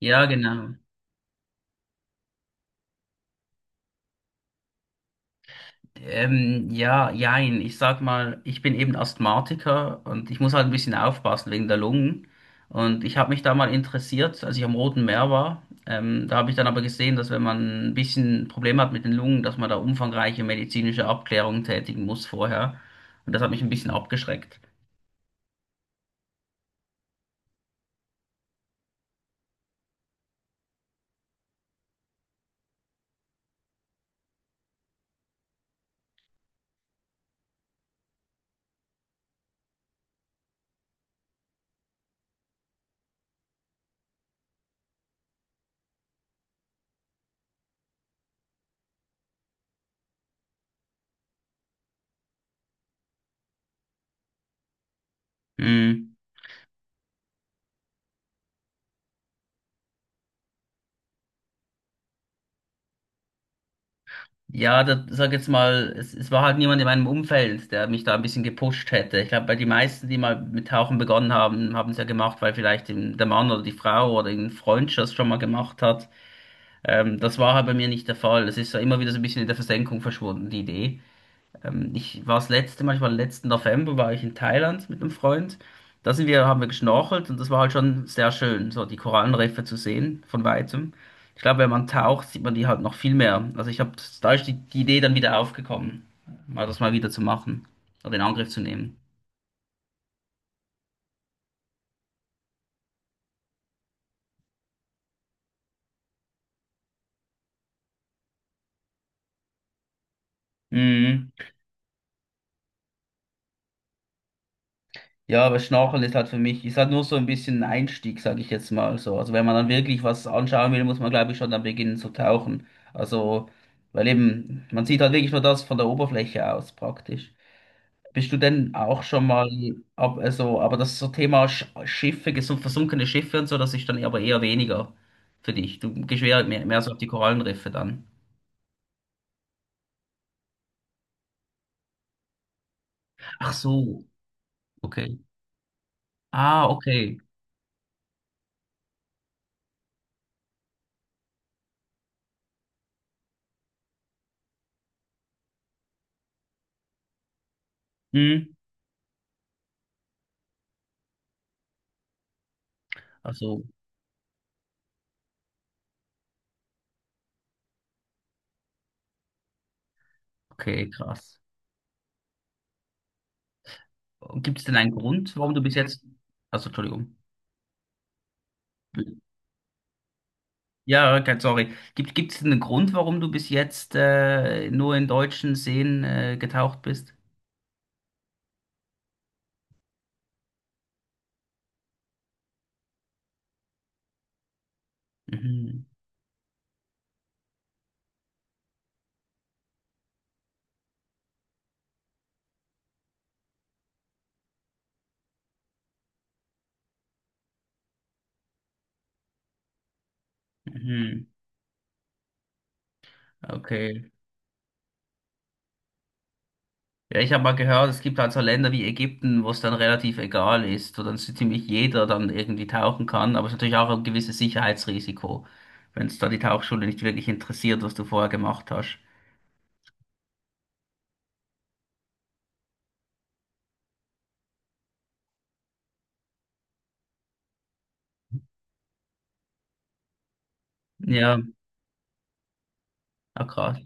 Ja, genau. Ja, jein. Ich sag mal, ich bin eben Asthmatiker und ich muss halt ein bisschen aufpassen wegen der Lungen. Und ich habe mich da mal interessiert, als ich am Roten Meer war. Da habe ich dann aber gesehen, dass wenn man ein bisschen Probleme hat mit den Lungen, dass man da umfangreiche medizinische Abklärungen tätigen muss vorher. Und das hat mich ein bisschen abgeschreckt. Mm. Ja, da sag jetzt mal, es war halt niemand in meinem Umfeld, der mich da ein bisschen gepusht hätte. Ich glaube, bei die meisten, die mal mit Tauchen begonnen haben, haben es ja gemacht, weil vielleicht der Mann oder die Frau oder ein Freund das schon mal gemacht hat. Das war halt bei mir nicht der Fall. Es ist ja immer wieder so ein bisschen in der Versenkung verschwunden, die Idee. Ich war das letzte Mal, ich war letzten November, war ich in Thailand mit einem Freund. Haben wir geschnorchelt und das war halt schon sehr schön, so die Korallenriffe zu sehen von weitem. Ich glaube, wenn man taucht, sieht man die halt noch viel mehr. Da ist die Idee dann wieder aufgekommen, mal wieder zu machen oder in Angriff zu nehmen. Ja, aber Schnorcheln ist halt für mich, ist halt nur so ein bisschen ein Einstieg, sage ich jetzt mal so. Also wenn man dann wirklich was anschauen will, muss man glaube ich schon dann beginnen zu tauchen. Also, weil eben, man sieht halt wirklich nur das von der Oberfläche aus praktisch. Bist du denn auch schon mal, ab, also, aber das so Thema Schiffe, versunkene Schiffe und so, das ist dann aber eher weniger für dich. Du gehst eher mehr so auf die Korallenriffe dann. Ach so, okay. Ah, okay. Hm. Also, okay, krass. Gibt es denn einen Grund, warum du bis jetzt, also Entschuldigung, ja, kein, sorry, gibt es denn einen Grund, warum du bis jetzt nur in deutschen Seen getaucht bist? Mhm. Mhm. Okay. Ja, ich habe mal gehört, es gibt halt so Länder wie Ägypten, wo es dann relativ egal ist, wo dann so ziemlich jeder dann irgendwie tauchen kann, aber es ist natürlich auch ein gewisses Sicherheitsrisiko, wenn es da die Tauchschule nicht wirklich interessiert, was du vorher gemacht hast. Ja, ah, krass.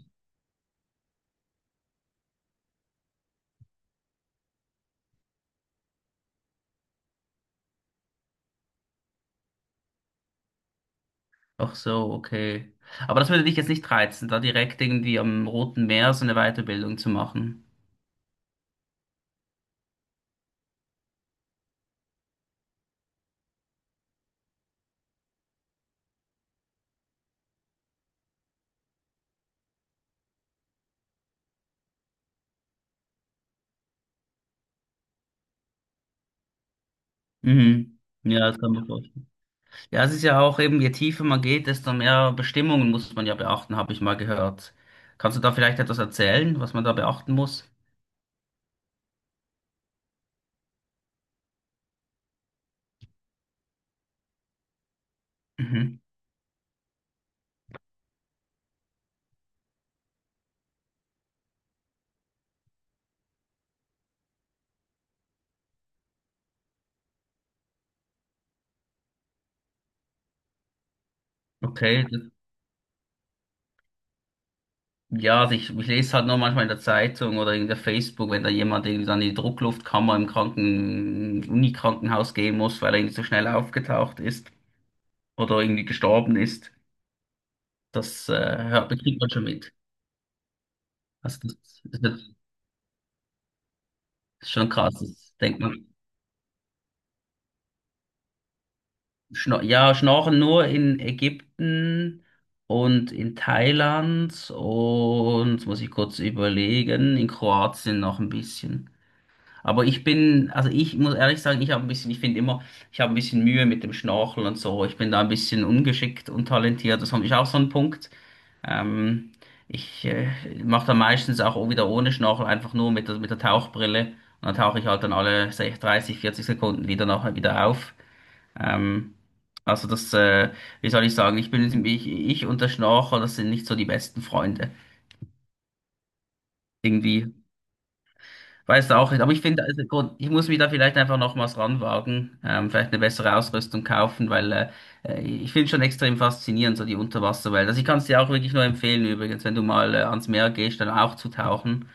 Ach so, okay. Aber das würde dich jetzt nicht reizen, da direkt irgendwie am Roten Meer so eine Weiterbildung zu machen. Mhm. Ja, das kann man vorstellen. Ja, es ist ja auch eben, je tiefer man geht, desto mehr Bestimmungen muss man ja beachten, habe ich mal gehört. Kannst du da vielleicht etwas erzählen, was man da beachten muss? Mhm. Okay. Ja, also ich lese halt nur manchmal in der Zeitung oder in der Facebook, wenn da jemand irgendwie dann in die Druckluftkammer im Unikrankenhaus gehen muss, weil er irgendwie so schnell aufgetaucht ist oder irgendwie gestorben ist. Das kriegt man schon mit. Also das ist schon krass. Das denkt man. Schnorcheln nur in Ägypten und in Thailand und, jetzt muss ich kurz überlegen, in Kroatien noch ein bisschen. Aber ich bin, also ich muss ehrlich sagen, ich habe ein bisschen, ich finde immer, ich habe ein bisschen Mühe mit dem Schnorcheln und so. Ich bin da ein bisschen ungeschickt, untalentiert. Das ist auch so ein Punkt. Ähm, ich mache da meistens auch wieder ohne Schnorchel, einfach nur mit der Tauchbrille. Und dann tauche ich halt dann alle 60, 30, 40 Sekunden wieder nachher wieder auf. Ähm, also das, äh, wie soll ich sagen, ich und der Schnorchel, das sind nicht so die besten Freunde. Irgendwie weiß auch nicht, aber ich finde, also, ich muss mich da vielleicht einfach nochmals ranwagen, vielleicht eine bessere Ausrüstung kaufen, weil ich finde schon extrem faszinierend, so die Unterwasserwelt. Also ich kann es dir auch wirklich nur empfehlen, übrigens, wenn du mal ans Meer gehst, dann auch zu tauchen,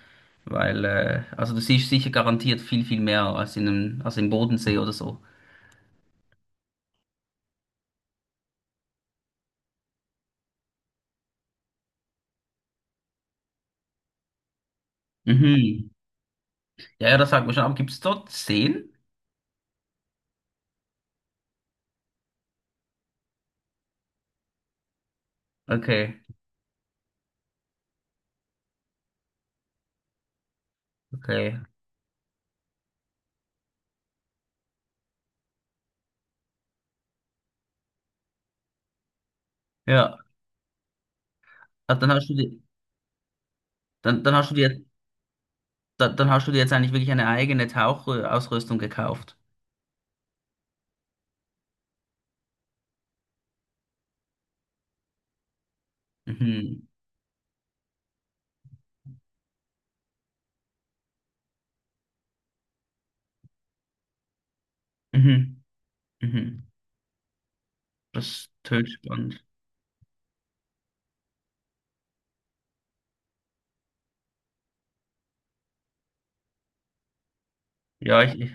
weil also du siehst sicher garantiert viel, viel mehr als als im Bodensee oder so. Mhm. Ja, ja, das sagt man schon, aber gibt es dort Seen? Okay, okay. Ja, Ah, dann hast du dir, dann, dann hast du dir, dann, dann hast du dir jetzt eigentlich wirklich eine eigene Tauchausrüstung gekauft. Mhm. Mhm. Mhm. Das ist total spannend. Ja, ich,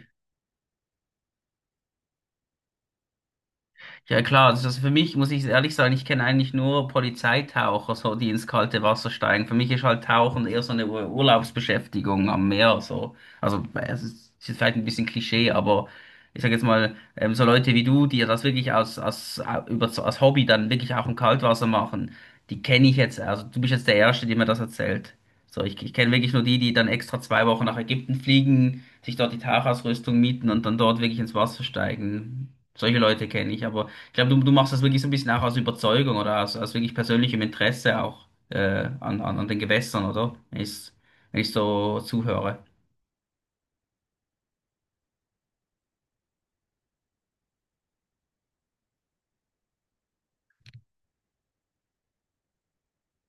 Ja klar, also das für mich muss ich ehrlich sagen, ich kenne eigentlich nur Polizeitaucher, so die ins kalte Wasser steigen. Für mich ist halt Tauchen eher so eine Urlaubsbeschäftigung am Meer, so. Also es es ist vielleicht ein bisschen Klischee, aber ich sage jetzt mal, so Leute wie du, die ja das wirklich als Hobby dann wirklich auch im Kaltwasser machen, die kenne ich jetzt. Also du bist jetzt der Erste, der mir das erzählt. So, ich kenne wirklich nur die, die dann extra zwei Wochen nach Ägypten fliegen, sich dort die Tauchausrüstung mieten und dann dort wirklich ins Wasser steigen. Solche Leute kenne ich, aber ich glaube, du machst das wirklich so ein bisschen auch aus Überzeugung oder aus wirklich persönlichem Interesse auch an den Gewässern, oder? Wenn ich so zuhöre.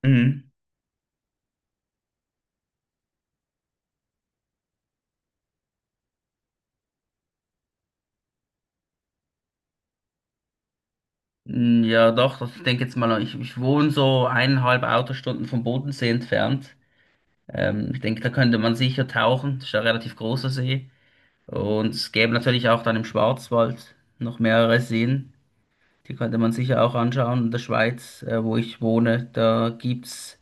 Mhm. Mm, ja, doch, ich denke jetzt mal, ich wohne so eineinhalb Autostunden vom Bodensee entfernt. Ich denke, da könnte man sicher tauchen. Das ist ja ein relativ großer See. Und es gäbe natürlich auch dann im Schwarzwald noch mehrere Seen. Die könnte man sicher auch anschauen. In der Schweiz, wo ich wohne, da gibt's.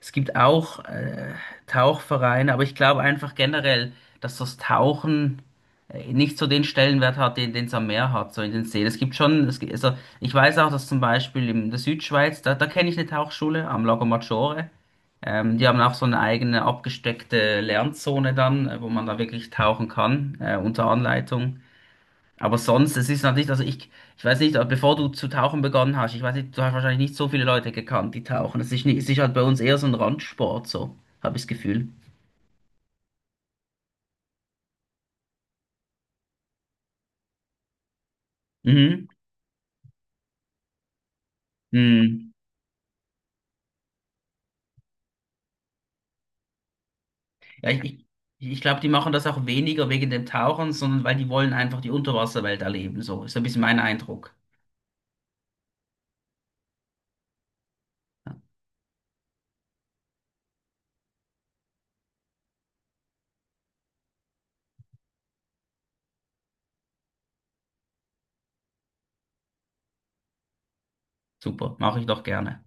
Es gibt auch Tauchvereine, aber ich glaube einfach generell, dass das Tauchen nicht so den Stellenwert hat, den es am Meer hat, so in den Seen. Es gibt schon, also ich weiß auch, dass zum Beispiel in der Südschweiz, da kenne ich eine Tauchschule am Lago Maggiore. Die haben auch so eine eigene abgesteckte Lernzone dann, wo man da wirklich tauchen kann, unter Anleitung. Aber sonst, es ist natürlich, ich weiß nicht, bevor du zu tauchen begonnen hast, ich weiß nicht, du hast wahrscheinlich nicht so viele Leute gekannt, die tauchen. Es ist, nicht, es ist halt bei uns eher so ein Randsport, so, habe ich das Gefühl. Mhm. Mhm. Ja, ich, ich, ich glaube, die machen das auch weniger wegen dem Tauchen, sondern weil die wollen einfach die Unterwasserwelt erleben, so. Ist so ein bisschen mein Eindruck. Super, mache ich doch gerne.